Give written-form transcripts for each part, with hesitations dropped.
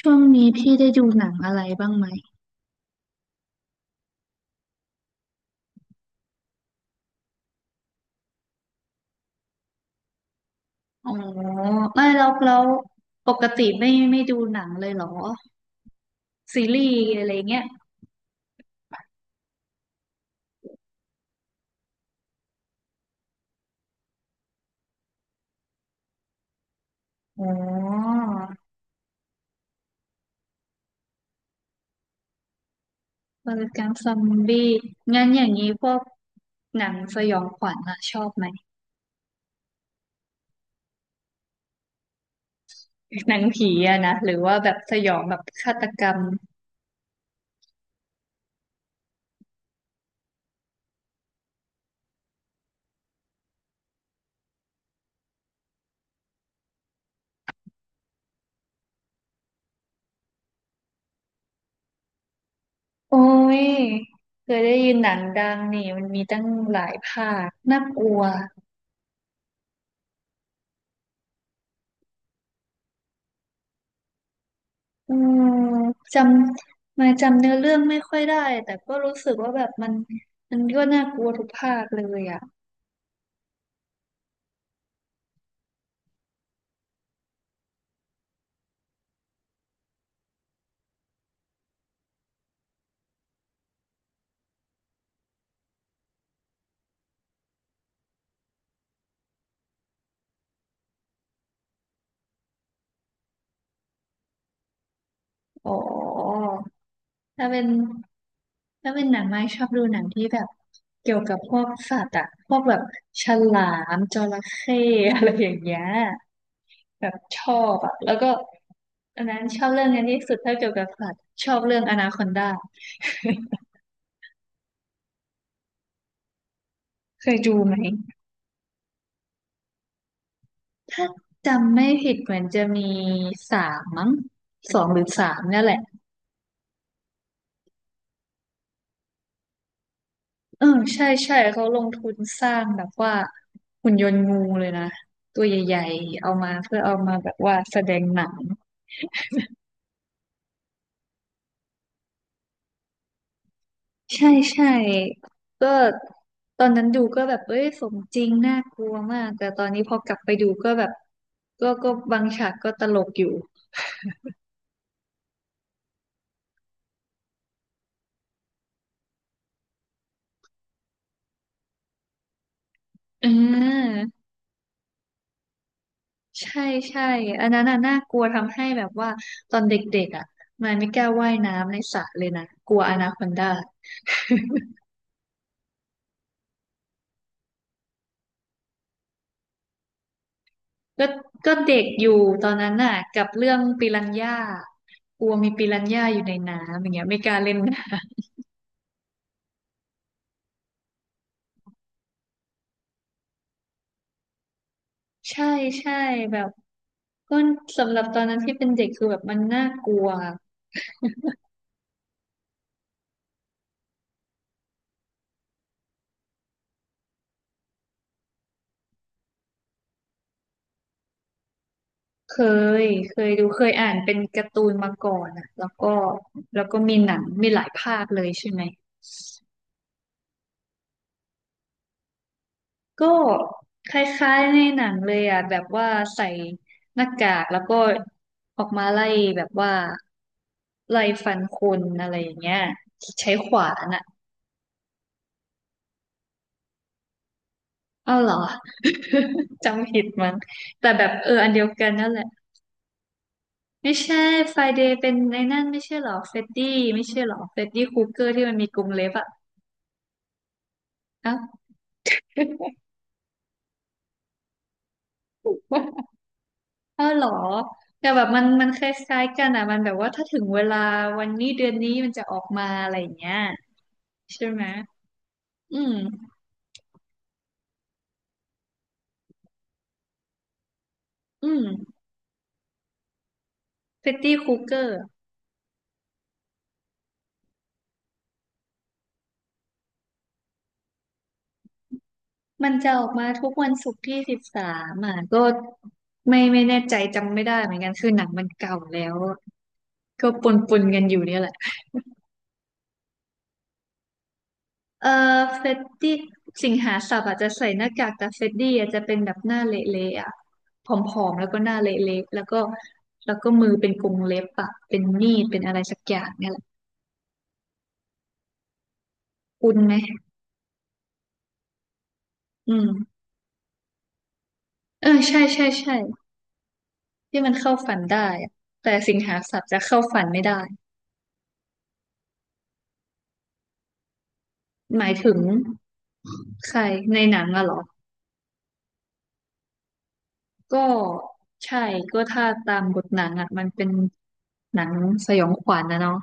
ช่วงนี้พี่ได้ดูหนังอะไรบ้างไหมอ๋อไม่แล้วแล้วปกติไม่ดูหนังเลยเหรอซีรีส์อะไรเงี้ยอ๋อวรกรรมซอมบี้งั้นอย่างนี้พวกหนังสยองขวัญอะชอบไหมหนังผีอะนะหรือว่าแบบสยองแบบฆาตกรรมโอ้ยเคยได้ยินหนังดังนี่มันมีตั้งหลายภาคน่ากลัว อืมจำมาจำเนื้อเรื่องไม่ค่อยได้แต่ก็รู้สึกว่าแบบมันก็น่ากลัวทุกภาคเลยอ่ะอ๋อถ้าเป็นหนังไม่ชอบดูหนังที่แบบเกี่ยวกับพวกสัตว์อ่ะพวกแบบฉลามจระเข้อะไรอย่างเงี้ยแบบชอบอ่ะแล้วก็อันนั้นชอบเรื่องนี้ที่สุดถ้าเกี่ยวกับสัตว์ชอบเรื่องอนาคอนดา เคยดูไหม ถ้าจำไม่ผิดเหมือนจะมีสามมั้งสองหรือสามเนี่ยแหละเออใช่ใช่เขาลงทุนสร้างแบบว่าหุ่นยนต์งูเลยนะตัวใหญ่ๆเอามาเพื่อเอามาแบบว่าแสดงหนังใช่ใช่ก็ตอนนั้นดูก็แบบเอ้ยสมจริงน่ากลัวมากแต่ตอนนี้พอกลับไปดูก็แบบก็บางฉากก็ตลกอยู่เออ ใช่ใช่อันนั้นน่ะน่ากลัวทำให้แบบว่าตอนเด็กๆอ่ะมายไม่กล้าว่ายน้ำในสระเลยนะกลัวอนาคอนดาก็ก็เด็กอยู่ตอนนั้นน่ะกับเรื่องปิรันย่ากลัวมีปิรันย่าอยู่ในน้ำอย่างเงี้ยไม่กล้าเล่นน้ำ ใช่ใช่แบบก็สำหรับตอนนั้นที่เป็นเด็กคือแบบมันน่ากลัวเคเคยดูเคยอ่านเป็นการ์ตูนมาก่อนอ่ะแล้วก็แล้วก็มีหนังมีหลายภาคเลยใช่ไหม ก็คล้ายๆในหนังเลยอ่ะแบบว่าใส่หน้ากากแล้วก็ออกมาไล่แบบว่าไล่ฟันคนอะไรอย่างเงี้ยใช้ขวานอ่ะอ้าวเหรอ จำผิดมั้งแต่แบบเอออันเดียวกันนั่นแหละไม่ใช่ไฟเดย์เป็นในนั่นไม่ใช่เหรอเฟดดี้ไม่ใช่เหรอเฟดดี้คูเกอร์ที่มันมีกรงเล็บอ่ะเอ้าว ออเหรอแต่แบบมันคล้ายๆกันอ่ะมันแบบว่าถ้าถึงเวลาวันนี้เดือนนี้มันจะออกมาอะไรอย่างเงี้ย ใช่ไหม อืม อืม f ริตตี้คูเกอร์มันจะออกมาทุกวันศุกร์ที่สิบสามอ่ะก็ไม่แน่ใจจำไม่ได้เหมือนกันคือหนังมันเก่าแล้วก็ปนปนกันอยู่เนี่ยแหละเออเฟตตี้สิงหาสับอาจจะใส่หน้ากากแต่เฟตตี้อาจจะเป็นแบบหน้าเละๆอ่ะผอมๆแล้วก็หน้าเละๆแล้วก็แล้วก็มือเป็นกรงเล็บอ่ะเป็นมีดเป็นอะไรสักอย่างเนี่ยแหละคุณไหมอืมเออใช่ใช่ใช่ ที่มันเข้าฝันได้อะแต่สิงหาสัตว์จะเข้าฝันไม่ได้หมายถึงใครในหนังอะเหรอก็ใช่ก็ถ้าตามบทหนังอะมันเป็นหนังสยองขวัญนะเนาะ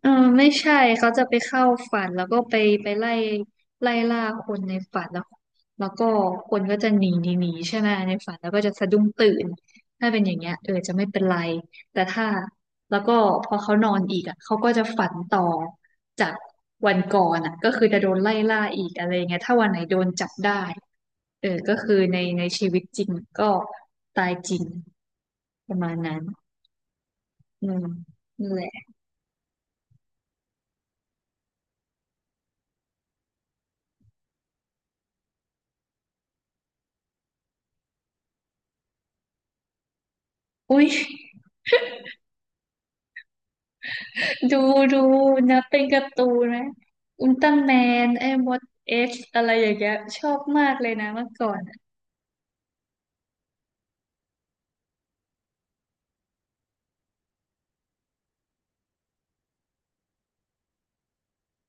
เออไม่ใช่เขาจะไปเข้าฝันแล้วก็ไปไปไล่ไล่ล่าคนในฝันแล้วแล้วก็คนก็จะหนีหนีหนีใช่ไหมในฝันแล้วก็จะสะดุ้งตื่นถ้าเป็นอย่างเงี้ยเออจะไม่เป็นไรแต่ถ้าแล้วก็พอเขานอนอีกอ่ะเขาก็จะฝันต่อจากวันก่อนอ่ะก็คือจะโดนไล่ล่าอีกอะไรเงี้ยถ้าวันไหนโดนจับได้เออก็คือในชีวิตจริงก็ตายจริงประมาณนั้นอืมนั่นแหละอุ้ย ดูดูนะเป็นการ์ตูนะอุลตร้าแมนไอ้มดเอ็กซ์อะไรอย่างเงี้ยชอบมากเลยนะเมื่อก่อนอะ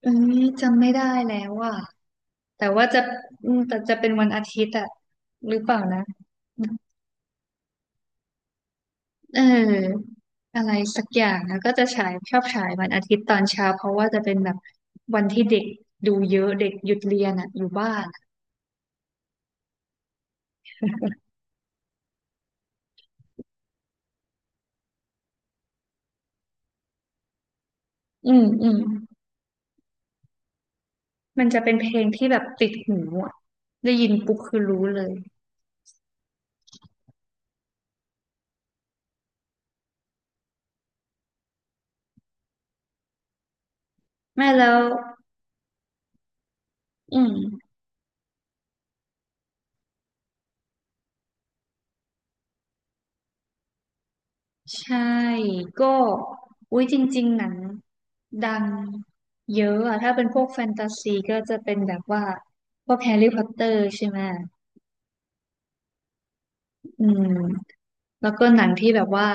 เอ้ยจำไม่ได้แล้วอ่ะแต่ว่าจะอืมแต่จะเป็นวันอาทิตย์อ่ะหรือเปล่านะเอออะไรสักอย่างนะก็จะฉายชอบฉายวันอาทิตย์ตอนเช้าเพราะว่าจะเป็นแบบวันที่เด็กดูเยอะเด็กหยุดเรียนอ่ะอยู่บ้านอะอืมอืมมันจะเป็นเพลงที่แบบติดหูอ่ะได้ยินปุ๊บคือรู้เลยแม่แล้วอืม ใช่ ก็อุ้ยจริงๆหนังดังเยอะอะ ถ้าเป็นพวกแฟนตาซีก็จะเป็นแบบว่า พวกแฮร์รี่พอตเตอร์ใช่ไหมอืมแล้วก็หนังที่แบบว่า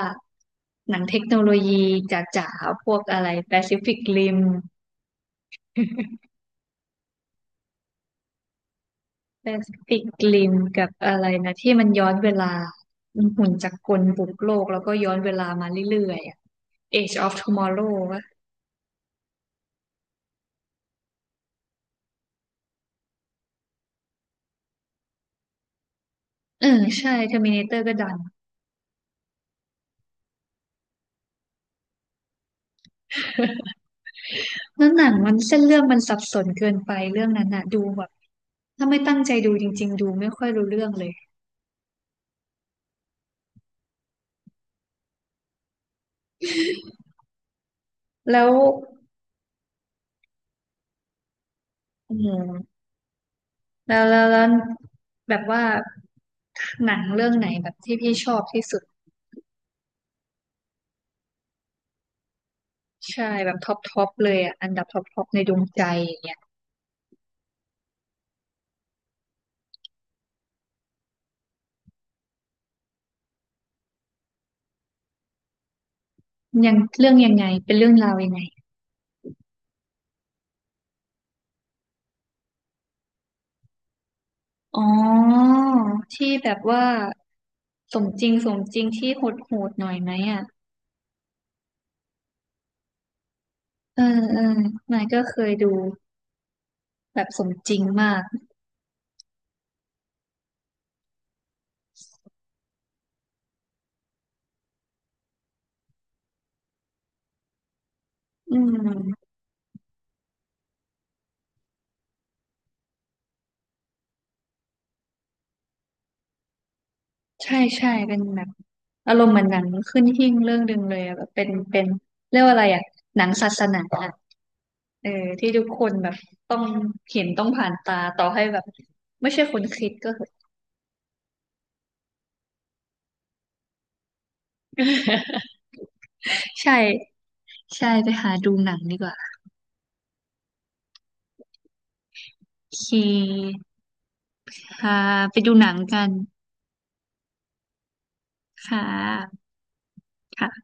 หนังเทคโนโลยีจ๋าๆ พวกอะไรแปซิฟิกริมแปซิฟิกริมกับอะไรนะที่มันย้อนเวลาหุ่นจักรกลบุกโลกแล้วก็ย้อนเวลามาเรื่อยๆอะ Age of Tomorrow วะเออใช่ Terminator ก็ดัง แล้วหนังมันเส้นเรื่องมันสับสนเกินไปเรื่องนั้นน่ะดูแบบถ้าไม่ตั้งใจดูจริงๆดูไม่ค่อยรู้เรื่องเลยแล้วอืมแล้วแบบว่าหนังเรื่องไหนแบบที่พี่ชอบที่สุดใช่แบบท็อปท็อปเลยอ่ะอันดับท็อปท็อปในดวงใจอย่างเงี้ยยังเรื่องยังไงเป็นเรื่องราวยังไงอ๋อที่แบบว่าสมจริงสมจริงที่โหดโหดหน่อยไหมอ่ะเออเออมายก็เคยดูแบบสมจริงมากอืม ใช่ใช่เป็นแบบอารมณ์เหมือนหนังขึ้นหิ้งเรื่องดึงเลยอะแบบเป็นเรียกว่าอะไรอะหนังศาสนาอะเออที่ทุกคนแบบต้องเห็นต้องผ่านตาต่อให้แบบไม่ใช่คนคิดก็เหอะ ใช่ใช่ไปหาดูหนังดีกว่าโอเคค่ะไปดูหนังกันค่ะค่ะ